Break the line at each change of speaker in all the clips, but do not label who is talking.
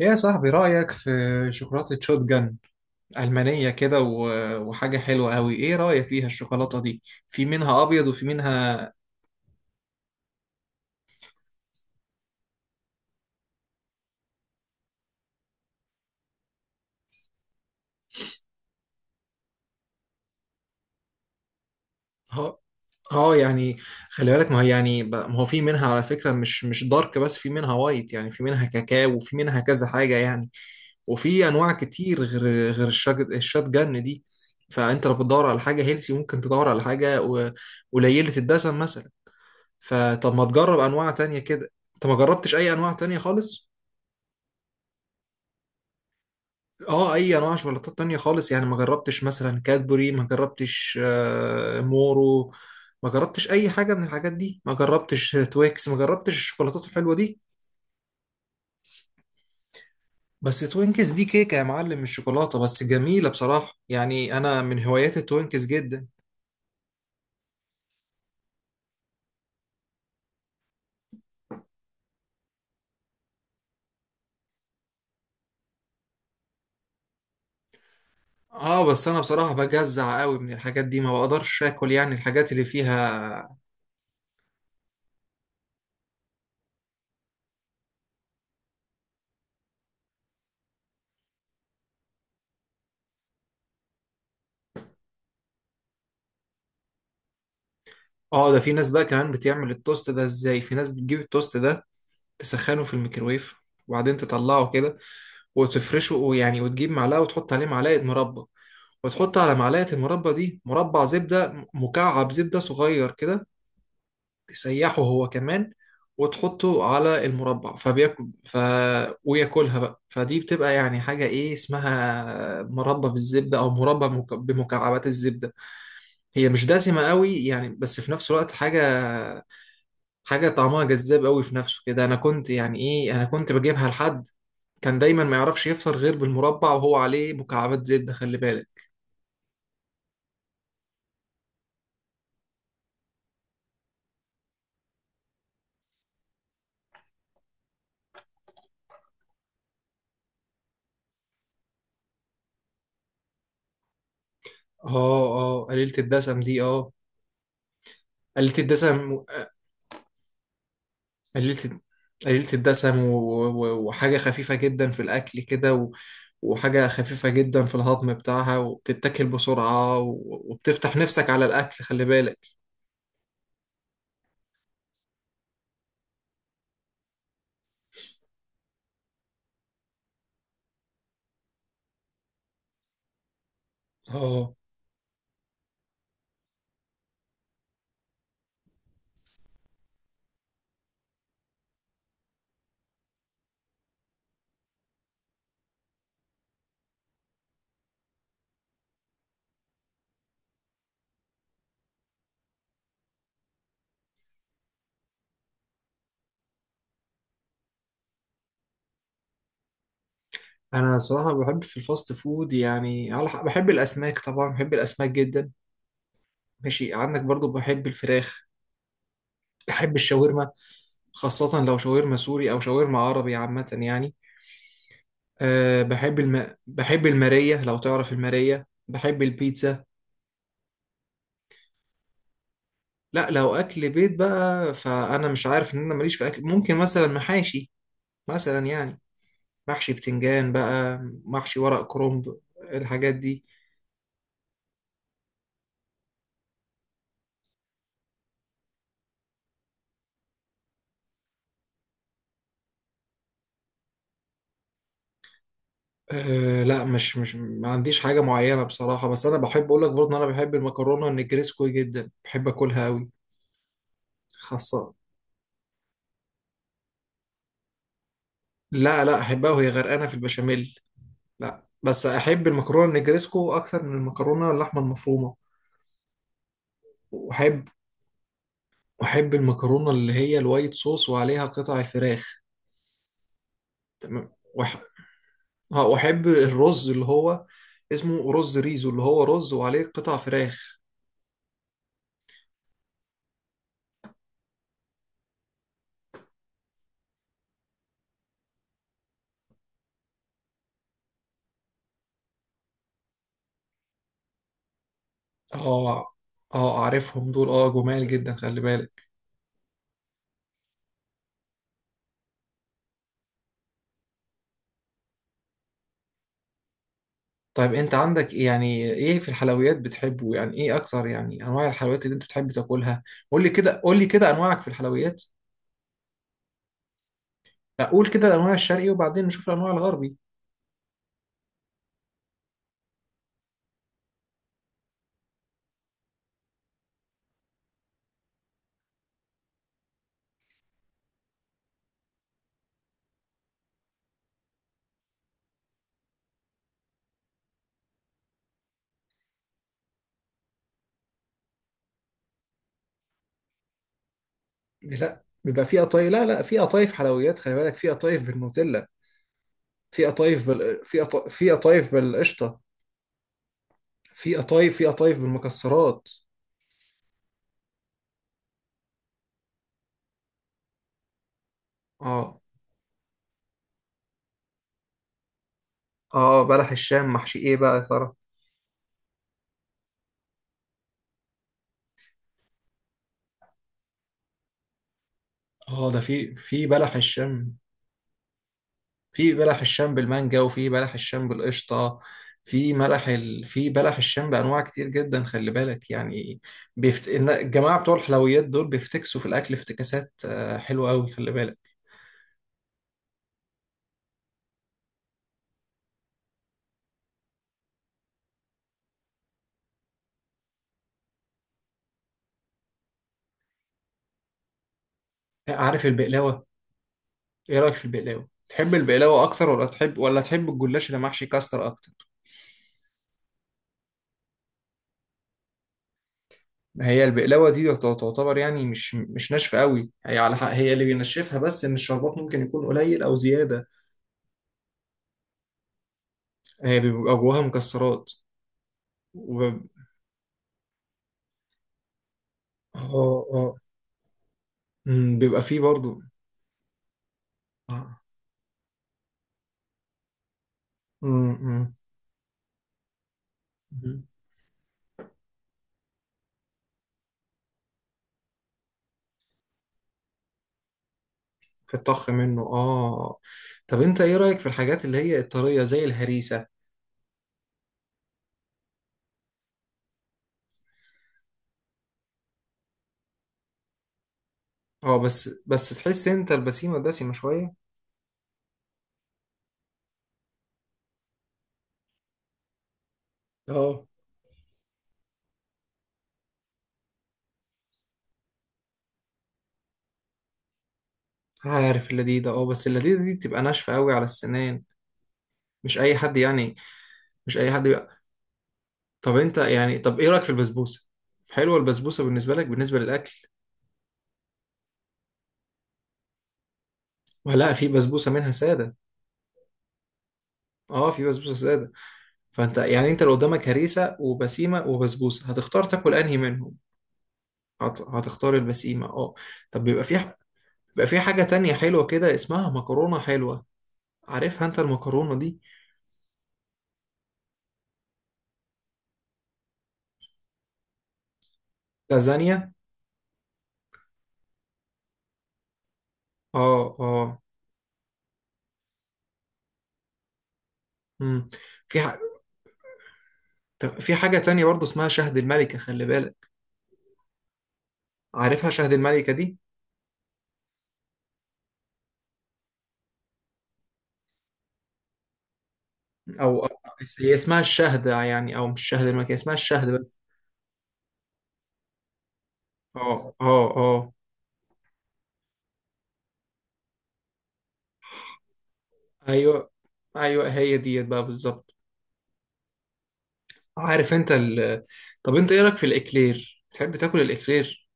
ايه يا صاحبي، رأيك في شوكولاتة شوتجن ألمانية كده وحاجة حلوة أوي؟ ايه رأيك فيها الشوكولاتة دي؟ في منها أبيض وفي منها اه يعني، خلي بالك، ما هي يعني ما هو في منها على فكرة، مش دارك، بس في منها وايت، يعني في منها كاكاو وفي منها كذا حاجة يعني. وفي أنواع كتير غير الشوتجن دي. فأنت لو بتدور على حاجة هيلسي، ممكن تدور على حاجة قليلة الدسم مثلا. فطب ما تجرب أنواع تانية كده؟ أنت ما جربتش أي أنواع تانية خالص؟ اه، اي انواع شوكولاتات تانية خالص يعني ما جربتش؟ مثلا كادبوري ما جربتش، مورو ما جربتش، اي حاجة من الحاجات دي ما جربتش، تويكس ما جربتش الشوكولاتات الحلوة دي. بس توينكس دي كيكة يا معلم، مش شوكولاتة، بس جميلة بصراحة يعني، انا من هوايات التوينكس جدا. اه، بس انا بصراحة بجزع قوي من الحاجات دي، ما بقدرش اكل يعني الحاجات اللي فيها. اه، ده في ناس بقى كمان بتعمل التوست ده ازاي، في ناس بتجيب التوست ده تسخنه في الميكرويف، وبعدين تطلعه كده وتفرشه، ويعني وتجيب معلقة وتحط عليه معلقة مربى، وتحط على معلقة المربى دي مربع زبدة، مكعب زبدة صغير كده تسيحه هو كمان، وتحطه على المربع فبياكل وياكلها بقى. فدي بتبقى يعني حاجة، ايه اسمها، مربى بالزبدة، او مربى بمكعبات الزبدة. هي مش دسمة قوي يعني، بس في نفس الوقت حاجة، طعمها جذاب قوي في نفسه كده. أنا كنت يعني إيه، أنا كنت بجيبها لحد كان دايما ما يعرفش يفطر غير بالمربع وهو عليه مكعبات زبدة، خلي بالك. آه آه، قليلة الدسم دي، آه، قليلة الدسم، قليلة قليلة الدسم، وحاجة خفيفة جدا في الأكل كده، وحاجة خفيفة جدا في الهضم بتاعها، وبتتاكل بسرعة، وبتفتح نفسك على الأكل، خلي بالك. آه. أنا صراحة بحب في الفاست فود، يعني بحب الأسماك طبعا، بحب الأسماك جدا، ماشي؟ عندك برضو بحب الفراخ، بحب الشاورما، خاصة لو شاورما سوري أو شاورما عربي عامة يعني. أه، بحب بحب المارية، لو تعرف المارية، بحب البيتزا. لا، لو أكل بيت بقى فأنا مش عارف، إن أنا ماليش في أكل، ممكن مثلا محاشي، مثلا يعني محشي بتنجان بقى، محشي ورق كرنب، الحاجات دي. أه لا، مش ما عنديش حاجة معينة بصراحة، بس أنا بحب أقول لك برضه إن أنا بحب المكرونة النجريسكو جدا، بحب أكلها أوي، خاصة. لا لا، احبها وهي غرقانه في البشاميل. لا بس احب المكرونه النجريسكو اكتر من المكرونه اللحمه المفرومه. واحب واحب المكرونه اللي هي الوايت صوص وعليها قطع الفراخ، تمام. اه، واحب الرز اللي هو اسمه رز ريزو، اللي هو رز وعليه قطع فراخ. اه اه، اعرفهم دول، اه، جمال جدا، خلي بالك. طيب، انت عندك إيه يعني، ايه في الحلويات بتحبه يعني، ايه اكتر يعني، انواع الحلويات اللي انت بتحب تاكلها؟ قول لي كده، قول لي كده انواعك في الحلويات. لا، قول كده الانواع الشرقي، وبعدين نشوف الانواع الغربي. لا، بيبقى في قطايف، لا لا، في قطايف حلويات خلي بالك، في قطايف بالنوتيلا، في قطايف بالقشطه، في قطايف بالمكسرات. اه اه، بلح الشام محشي ايه بقى يا ترى؟ اه، ده في بلح الشام، في بلح الشام بالمانجا، وفي بلح الشام بالقشطه، في بلح الشام بانواع كتير جدا، خلي بالك يعني. الجماعه بتوع الحلويات دول بيفتكسوا في الاكل افتكاسات حلوه قوي، خلي بالك. عارف البقلاوة؟ ايه رأيك في البقلاوة؟ تحب البقلاوة اكتر، ولا تحب الجلاش اللي محشي كاستر اكتر؟ ما هي البقلاوة دي تعتبر يعني مش ناشفة قوي، هي على حق، هي اللي بينشفها بس ان الشربات ممكن يكون قليل او زيادة. هي بيبقى جواها مكسرات اه. اه، بيبقى فيه برضو. آه. أمم، أمم، أمم. في الطخ منه، اه. طب انت ايه رأيك في الحاجات اللي هي الطرية زي الهريسة؟ اه، بس تحس انت البسيمة دسمة شوية. اه، عارف اللذيذة، اه، بس اللذيذة دي تبقى ناشفة قوي على السنان، مش أي حد يعني، مش أي حد بقى. طب أنت يعني، طب إيه رأيك في البسبوسة؟ حلوة البسبوسة بالنسبة لك، بالنسبة للأكل؟ ولا في بسبوسة منها سادة. اه، في بسبوسة سادة. فأنت يعني، أنت لو قدامك هريسة وبسيمة وبسبوسة، هتختار تاكل أنهي منهم؟ هتختار البسيمة، اه. طب بيبقى في حاجة تانية حلوة كده، اسمها مكرونة حلوة، عارفها أنت المكرونة دي؟ لازانيا، اه اه، مم. في ح... طب في حاجة تانية برضه اسمها شهد الملكة، خلي بالك، عارفها شهد الملكة دي؟ أو أو- هي اسمها الشهدة يعني، أو مش شهد الملكة، هي اسمها الشهد بس. اه اه اه، أيوه أيوه، هي ديت بقى بالظبط. عارف أنت طب أنت إيه رأيك في الإكلير؟ بتحب تاكل الإكلير؟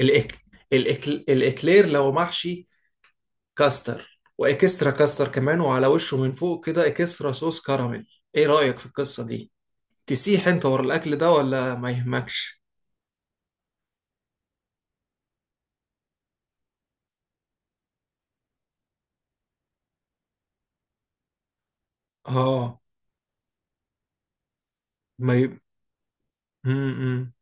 الإك... الإكلير لو محشي كاستر، وإكسترا كاستر كمان، وعلى وشه من فوق كده إكسترا صوص كراميل، إيه رأيك في القصة دي؟ تسيح أنت ورا الأكل ده ولا ما يهمكش؟ اه، ما ي... امم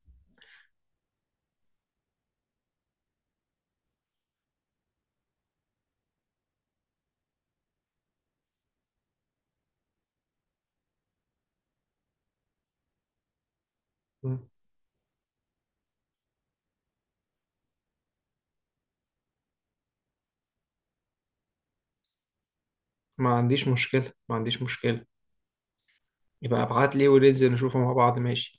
ما عنديش مشكلة، ما عنديش مشكلة. يبقى ابعت لي وننزل نشوفه مع بعض، ماشي.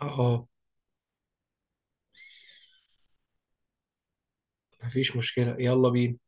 اه، مفيش مشكلة، يلا بينا.